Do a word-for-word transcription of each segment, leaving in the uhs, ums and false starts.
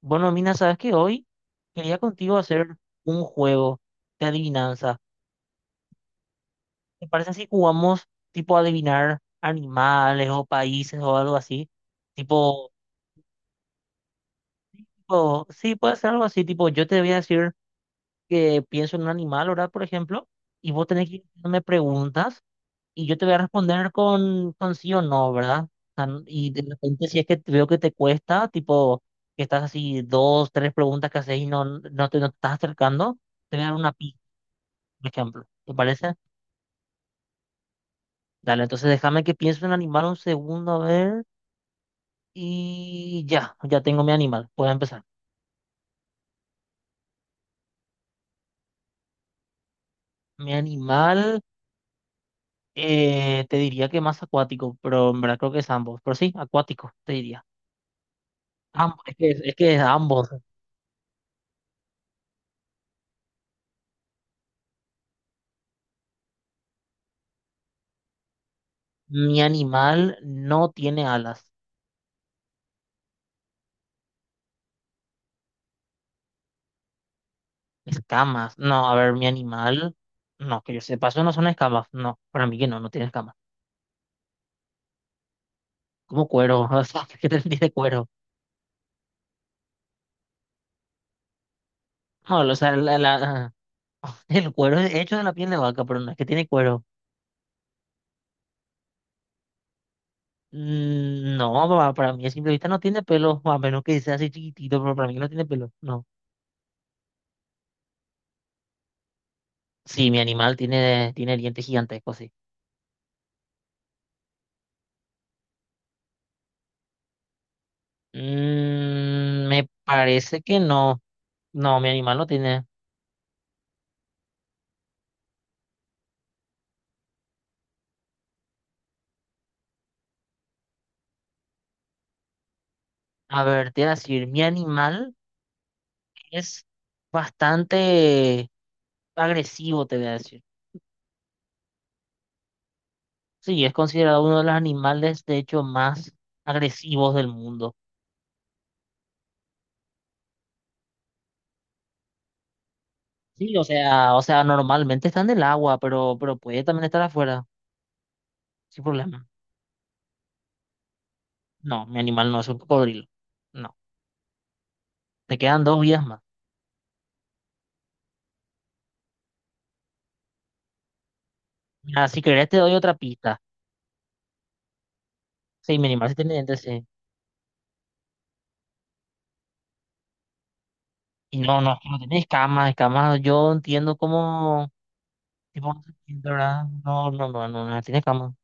Bueno, Mina, sabes que hoy quería contigo hacer un juego de adivinanza. ¿Te parece si jugamos tipo adivinar animales o países o algo así? Tipo, tipo, sí, puede ser algo así, tipo, yo te voy a decir que pienso en un animal, ¿verdad? Por ejemplo, y vos tenés que ir haciéndome preguntas y yo te voy a responder con, con sí o no, ¿verdad? O sea, n- y de repente si es que te- veo que te cuesta, tipo, que estás así dos, tres preguntas que haces y no, no te, no te estás acercando, te voy a dar una pista. Por ejemplo. ¿Te parece? Dale, entonces déjame que piense en animal un segundo, a ver. Y ya, ya tengo mi animal. Puedo empezar. Mi animal, eh, te diría que más acuático, pero en verdad creo que es ambos. Pero sí, acuático, te diría. Ambos, es que es, es que es ambos. Mi animal no tiene alas, escamas. No, a ver, mi animal, no, que yo sepa, eso no son escamas. No, para mí que no, no tiene escamas. Como cuero, o sea, ¿qué te de cuero? No, o sea, la, la- El cuero es hecho de la piel de vaca, pero no es que tiene cuero. Mm, no, papá, para mí a simple vista no tiene pelo, a menos que sea así chiquitito, pero para mí no tiene pelo. No. Sí, mi animal tiene, tiene dientes gigantescos, sí. Mm, me parece que no. No, mi animal no tiene. A ver, te voy a decir, mi animal es bastante agresivo, te voy a decir. Sí, es considerado uno de los animales, de hecho, más agresivos del mundo. Sí, o sea, o sea, normalmente está en el agua, pero, pero puede también estar afuera, sin problema. No, mi animal no es un cocodrilo. No, te quedan dos vidas más. Mira, si querés te doy otra pista. Sí, mi animal sí tiene dientes, sí. Y no, no, no tiene escamas, escamas, yo entiendo cómo, tipo, no entiendo, ¿verdad? No, no, no, no, no tiene escamas.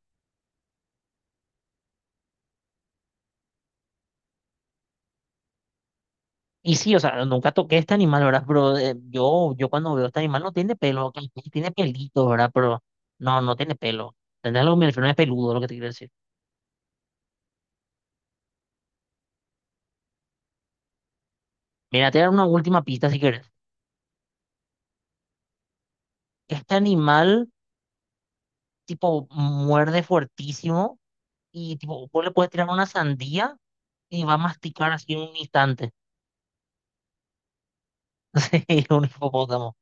Y sí, o sea, nunca toqué este animal, ¿verdad? Pero eh, yo, yo cuando veo este animal no tiene pelo, ok, sí tiene pelitos, ¿verdad? Pero no, no tiene pelo. Tendrá lo que me refiero, no es peludo, lo que te quiero decir. Mira, te voy a dar una última pista si querés. Este animal, tipo, muerde fuertísimo y, tipo, vos le puedes tirar una sandía y va a masticar así en un instante. Sí, un hipopótamo.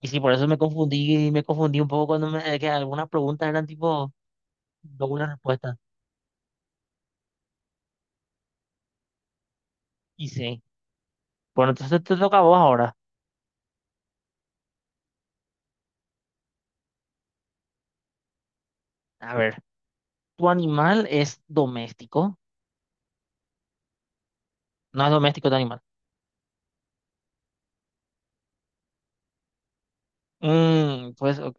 Y sí, por eso me confundí, me confundí un poco cuando me, que algunas preguntas eran tipo doble respuesta. Y sí. Bueno, entonces te toca a vos ahora. A ver, ¿tu animal es doméstico? No es doméstico tu animal. Mm, pues, ok.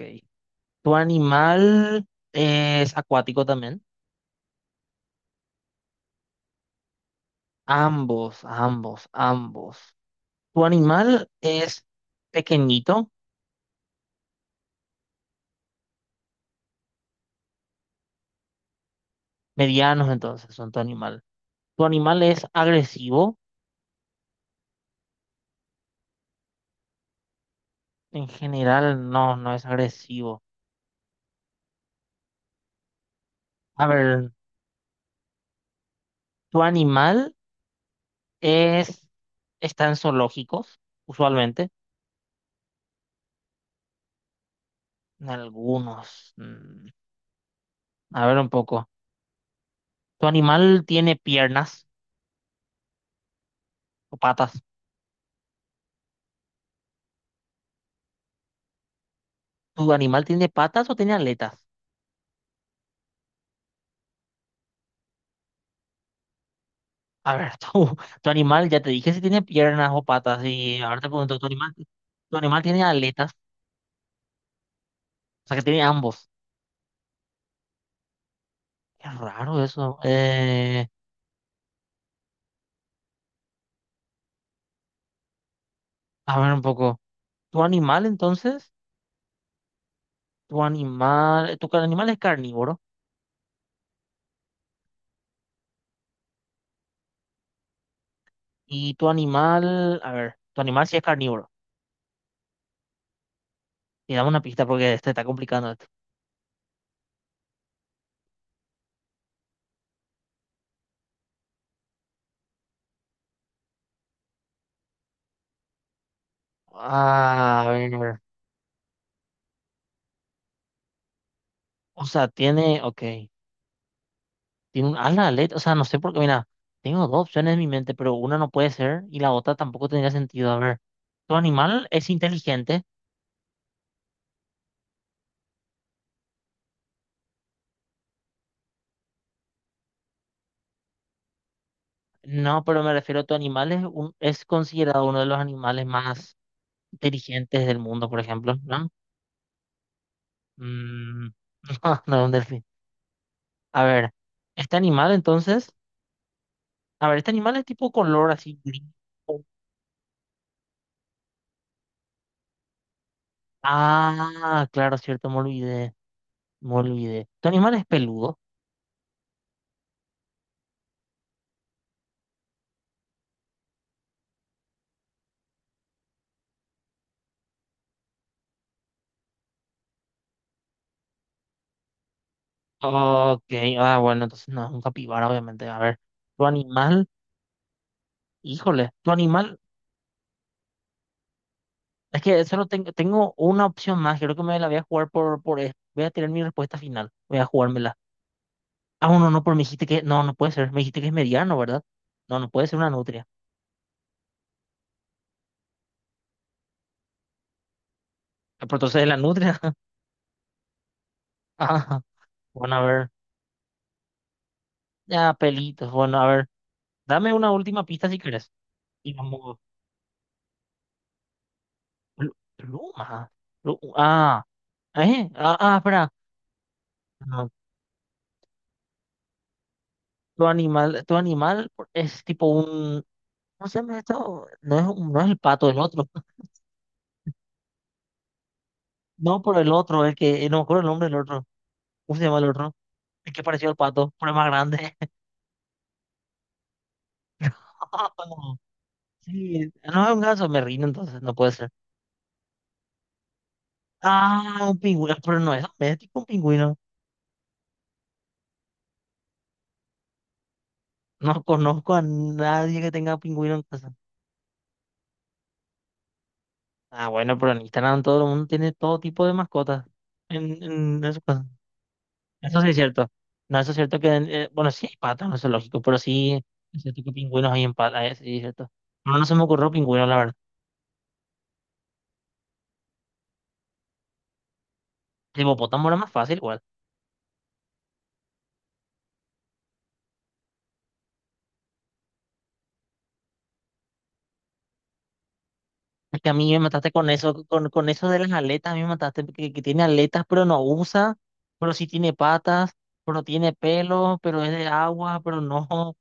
¿Tu animal es acuático también? Ambos, ambos, ambos. ¿Tu animal es pequeñito? Medianos entonces son tu animal. ¿Tu animal es agresivo? En general, no, no es agresivo. A ver, ¿tu animal es, está en zoológicos? Usualmente, en algunos. mm, A ver un poco. ¿Tu animal tiene piernas o patas? ¿Tu animal tiene patas o tiene aletas? A ver, tu, tu animal, ya te dije si tiene piernas o patas, y ahora te pregunto, ¿tu animal, ¿tu animal tiene aletas? O sea, que tiene ambos. Qué raro eso. Eh, a ver un poco. ¿Tu animal entonces? ¿Tu animal? ¿Tu ca- animal es carnívoro? Y tu animal, a ver, tu animal sí es carnívoro. Y dame una pista porque este está complicando esto. Ah, a ver. O sea, tiene, ok. Tiene un ala de aleta. O sea, no sé por qué, mira, tengo dos opciones en mi mente, pero una no puede ser y la otra tampoco tendría sentido. A ver, ¿tu animal es inteligente? No, pero me refiero a tu animal es, un- es considerado uno de los animales más inteligentes del mundo, por ejemplo, ¿no? Mm, no, no, un delfín. A ver, este animal entonces, a ver, este animal es tipo color así gris. Ah, claro, cierto, me olvidé, me olvidé. ¿Tu animal es peludo? Ok, ah, bueno, entonces no, es un capibara, obviamente. A ver, tu animal, híjole, tu animal, es que solo tengo, tengo una opción más, creo que me la voy a jugar por, por, es- Voy a tener mi respuesta final, voy a jugármela. Ah, no, no, pero me dijiste que. No, no puede ser. Me dijiste que es mediano, ¿verdad? No, no puede ser una nutria. Ah, pero entonces es la nutria. Ah, bueno, a ver. Ya, pelitos. Bueno, a ver. Dame una última pista si quieres. Y vamos. pl- Pluma. Plu- Ah, ¿eh? Ah, ah, espera. No, tu animal, tu animal es tipo un. No sé, esto no es, un- no es el pato, el otro. No, pero el otro, el que. No me acuerdo el nombre del otro. ¿Cómo se llama el otro? El que pareció al pato, pero es más grande. No, sí, no es un ganso, me rindo entonces, no puede ser. Ah, un pingüino, pero no es doméstico un pingüino. No conozco a nadie que tenga pingüino en casa. Ah, bueno, pero en Instagram todo el mundo tiene todo tipo de mascotas en, en, en su casa. Eso sí es cierto. No, eso es cierto que, en- eh, bueno, sí hay patas, no es lógico, pero sí es cierto que pingüinos hay en patas, eh, sí es cierto. No, no se me ocurrió pingüino, la verdad. El hipopótamo era más fácil. Es que a mí me mataste con eso, con, con eso de las aletas, a mí me mataste que, que tiene aletas, pero no usa, pero sí tiene patas, pero tiene pelo, pero es de agua, pero no.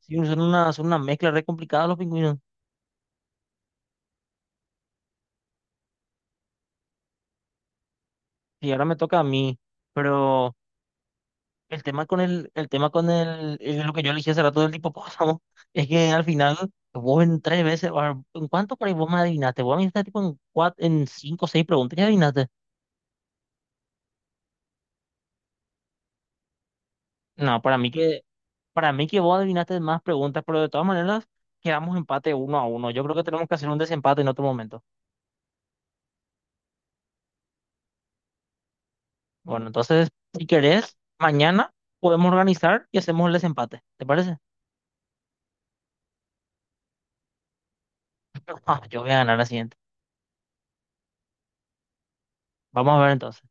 Sí, son una, son una mezcla re complicada los pingüinos. Y ahora me toca a mí. Pero el tema con el, el tema con el, es lo que yo elegí hace rato del hipopótamo, es que al final vos en tres veces, o sea, ¿en cuánto por ahí vos me adivinaste? Vos me adivinaste tipo en cuatro, en cinco o seis preguntas y adivinaste. No, para mí que. Para mí que vos adivinaste más preguntas, pero de todas maneras quedamos empate uno a uno. Yo creo que tenemos que hacer un desempate en otro momento. Bueno, entonces, si querés, mañana podemos organizar y hacemos el desempate. ¿Te parece? Ah, yo voy a ganar la siguiente. Vamos a ver entonces.